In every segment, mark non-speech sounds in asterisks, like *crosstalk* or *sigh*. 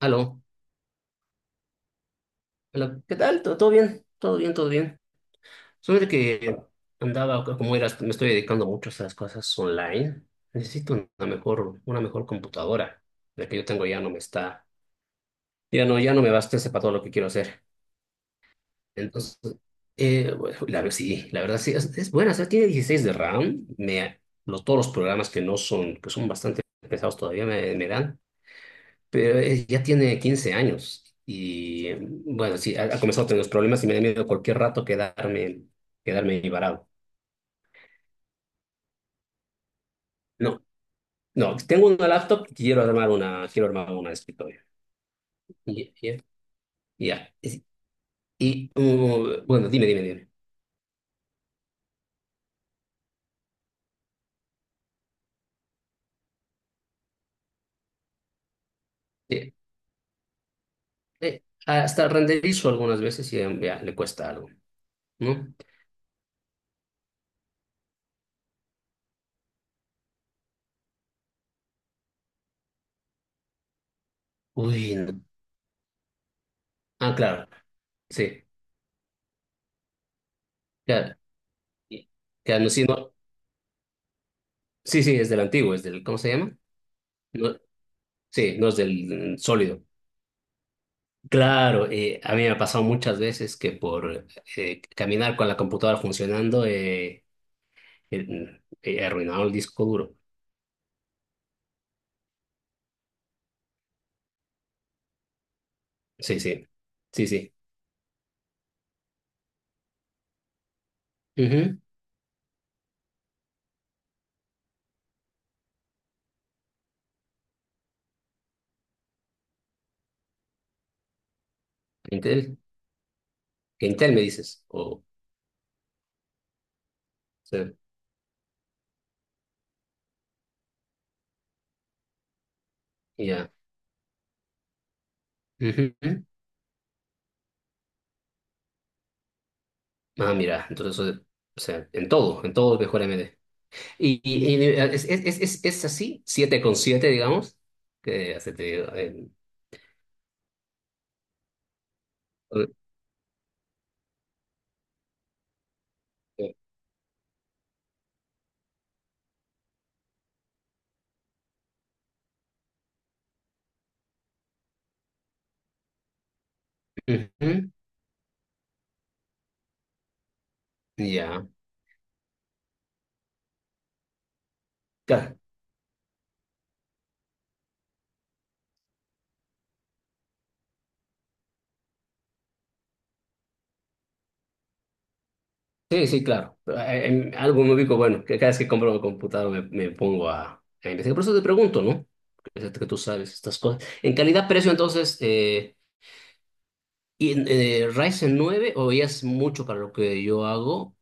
Aló, hola, ¿qué tal? ¿Todo bien? Todo bien, todo bien. Solamente que andaba, como eras, me estoy dedicando mucho a las cosas online. Necesito una mejor computadora. La que yo tengo ya no me está, ya no, ya no me basta ese para todo lo que quiero hacer. Entonces, bueno, la verdad sí, es buena. O sea, tiene 16 de RAM. Todos los programas que no son, que son bastante pesados todavía me dan. Pero ya tiene 15 años y bueno, sí, ha comenzado a tener los problemas y me da miedo cualquier rato quedarme ahí varado. No, no, tengo una laptop y quiero armar una de escritorio. Y, y- ya. Bueno, dime, dime, dime. Eh, hasta renderizo algunas veces y ya le cuesta algo, ¿no? Uy, no. Ah, claro, sí, claro. Y- claro, no, sí, no. Sí, sí, es del antiguo, es del, ¿cómo se llama? No, sí, no es del sólido. Claro, a mí me ha pasado muchas veces que por caminar con la computadora funcionando he arruinado el disco duro. Sí, sí, sí, sí. Ujú. Intel, Intel me dices. O sí, ya. Ujú. Ah, mira, entonces, o sea, en todo es mejor AMD. Y, es así, 7 con 7, digamos, que hace te digo Ujú. Ya. Claro, sí, sí, claro. En algo me ubico, bueno, que cada vez que compro una computadora me pongo a investigar. Por eso te pregunto, ¿no? Que sé que tú sabes estas cosas. En calidad-precio, entonces, ¿ Ryzen 9 o ya es mucho para lo que yo hago?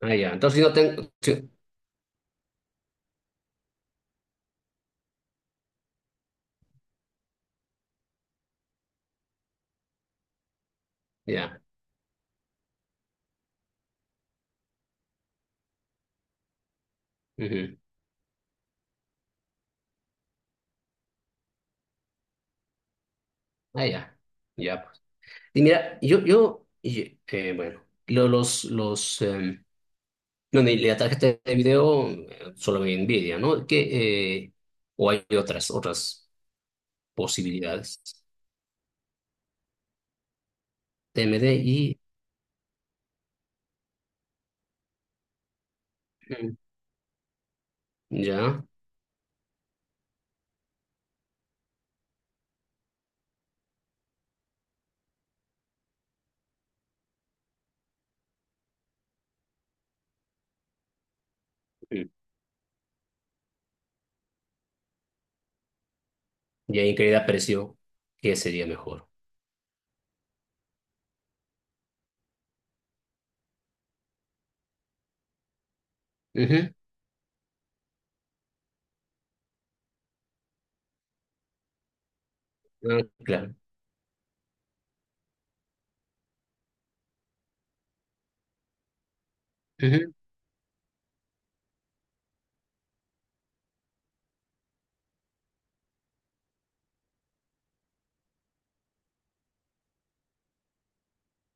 Ah, ya. Entonces, si no tengo... sí, ya. Ujú. Ah, ya. Ya, pues. Y mira, bueno, lo- los, los, em, no, ni la tarjeta de video solo me Nvidia, ¿no? Que, o hay otras posibilidades. TMD y mm, ya. Ujú. Y ahí increíble apreció que sería mejor. Ujú, ah, claro. Ujú.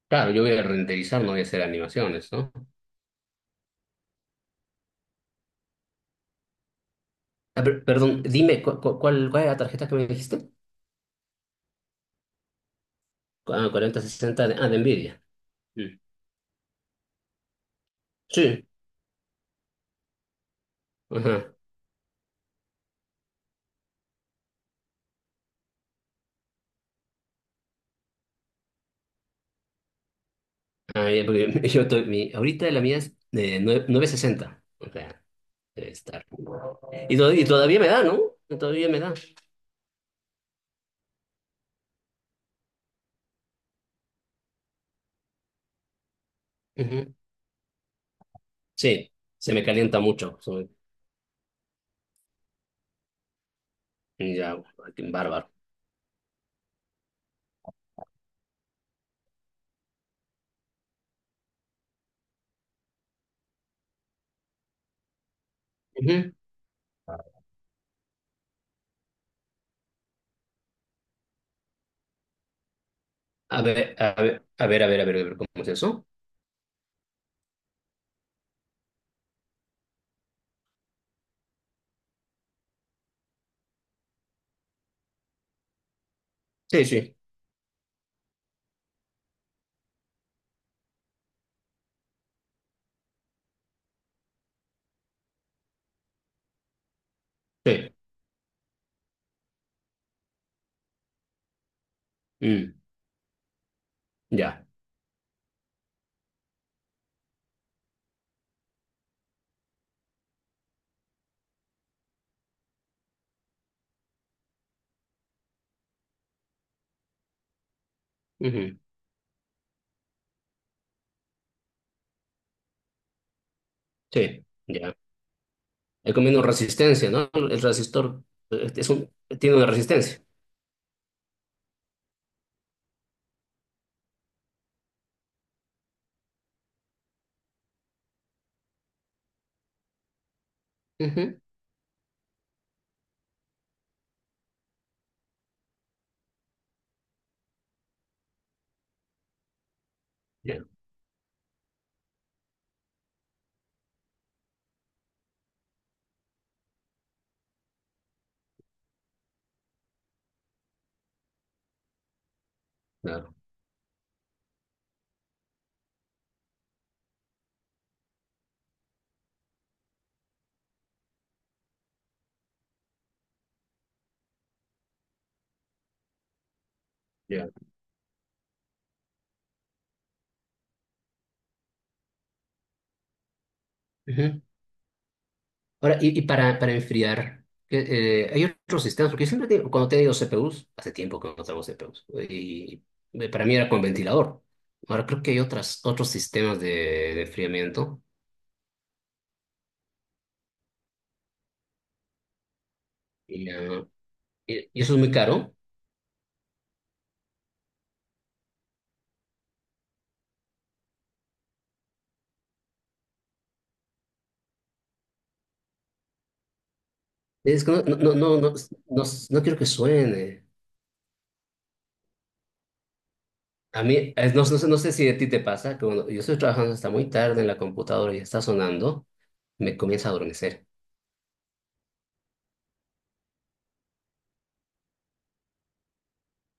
Claro, yo voy a renderizar, no voy a hacer animaciones, ¿no? Ah, perdón, dime, cuál, cuál es la tarjeta que me dijiste? Ah, 4060 de Nvidia. Ujú. Sí. Ajá. Ah, ya, porque *laughs* ahorita la mía es de 960. O sea, debe estar. Y todavía me da, ¿no? Todavía me da. Ujú. Sí, se me calienta mucho. Soy, ya, bárbaro. Ujú. A ver, a ver, a ver, a ver, a ver, a ver, ¿cómo es eso? Sí, sí, sí, mm, ya, ujú, sí, ya. Es como una resistencia, ¿no? El resistor eh, es un, tiene una resistencia. Ujú, ya, claro, ya. Ujú. Ahora, y para enfriar, ¿qué, hay otros sistemas, porque yo siempre digo, cuando he tenido CPUs, hace tiempo que no traigo CPUs, y para mí era con ventilador. Ahora creo que hay otras, otros sistemas de enfriamiento, y, ah, y eso es muy caro. Es que no, no, no, no, no, no quiero que suene. A mí, no, no sé si a ti te pasa, que cuando yo estoy trabajando hasta muy tarde en la computadora y está sonando, me comienza a adormecer.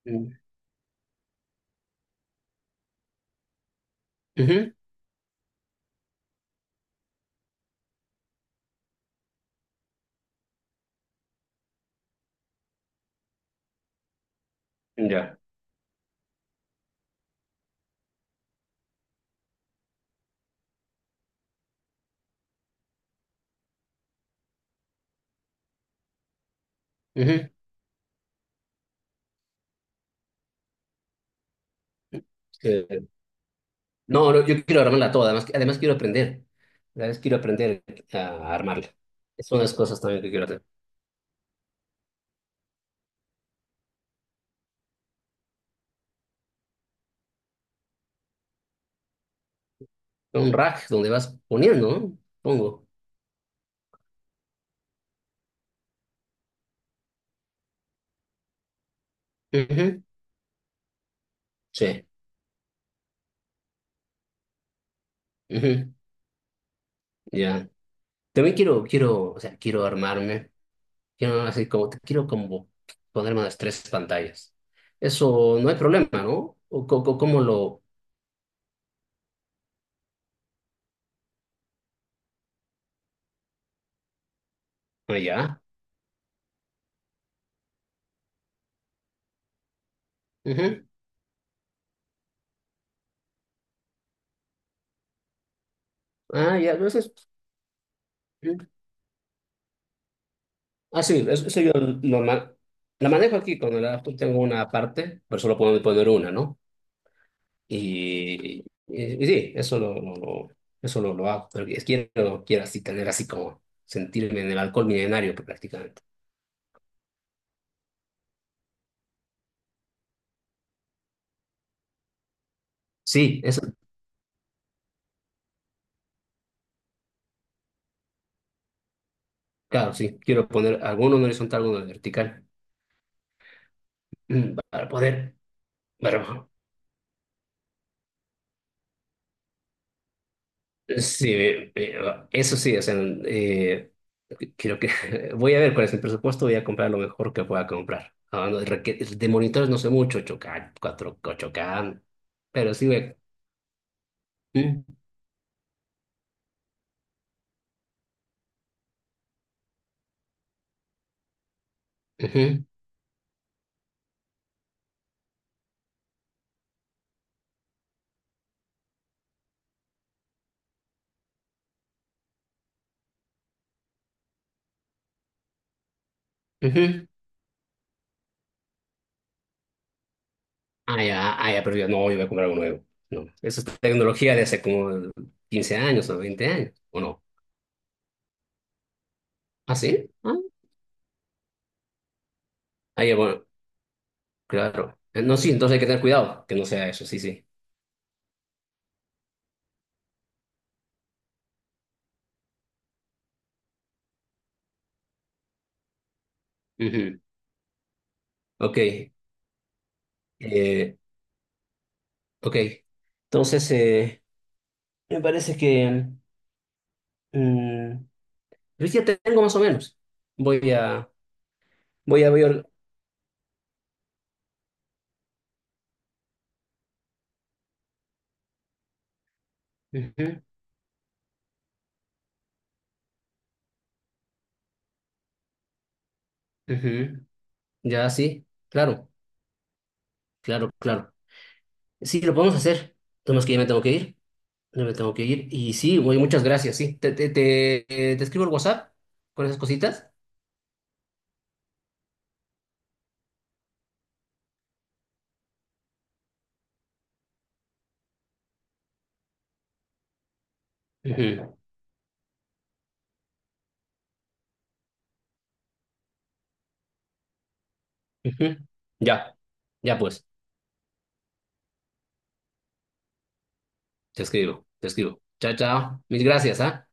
Mm. Ujú. Ya. Ujú. Eh, no, no, yo quiero armarla toda, además quiero aprender. Además quiero aprender a armarla. Es una de las cosas también que quiero hacer. Un rack donde vas poniendo, ¿no? Pongo. Ujú. Sí. Ujú. Ya. También quiero, o sea, quiero armarme. Quiero así como, te quiero como ponerme unas tres pantallas. Eso no hay problema, ¿no? ¿O, cómo lo...? Ah, ya. Ujú. Ah, ya. Entonces, ujú. Ah, sí, eso yo lo la manejo aquí con el laptop. Tengo una parte, pero solo puedo poner una, ¿no? Y, sí, eso lo hago. Pero quiero así tener así como sentirme en el alcohol milenario prácticamente. Sí, eso, claro, sí. Quiero poner alguno en horizontal, alguno en vertical. Mm, para poder... Bueno, sí, eso sí, o sea, eh, creo que *laughs* voy a ver cuál es el presupuesto, voy a comprar lo mejor que pueda comprar. Ah, no, de monitores no sé mucho, 8K, 4, 8K, pero sí voy a... Mm, ujú, ujú. Ah, ya, ah, ya, pero yo no, yo voy a comprar algo nuevo. No, eso es tecnología de hace como 15 años o 20 años, ¿o no? ¿Ah, sí? Ah, ah, ya, bueno, claro. No, sí, entonces hay que tener cuidado que no sea eso, sí, sí. Ujú. Ok. Eh, ok, entonces me parece que mm, pues ya tengo más o menos. Voy a, voy a ver. Ujú, ujú. Ya, sí, claro, claro, claro. Sí, lo podemos hacer. Tenemos que ya me tengo que ir. Ya me tengo que ir. Y sí, güey, muchas gracias, sí. Te escribo el WhatsApp con esas cositas. Ujú, ujú. Ya, ya pues, te escribo, te escribo. Chao, chao. Mis gracias, ¿ah?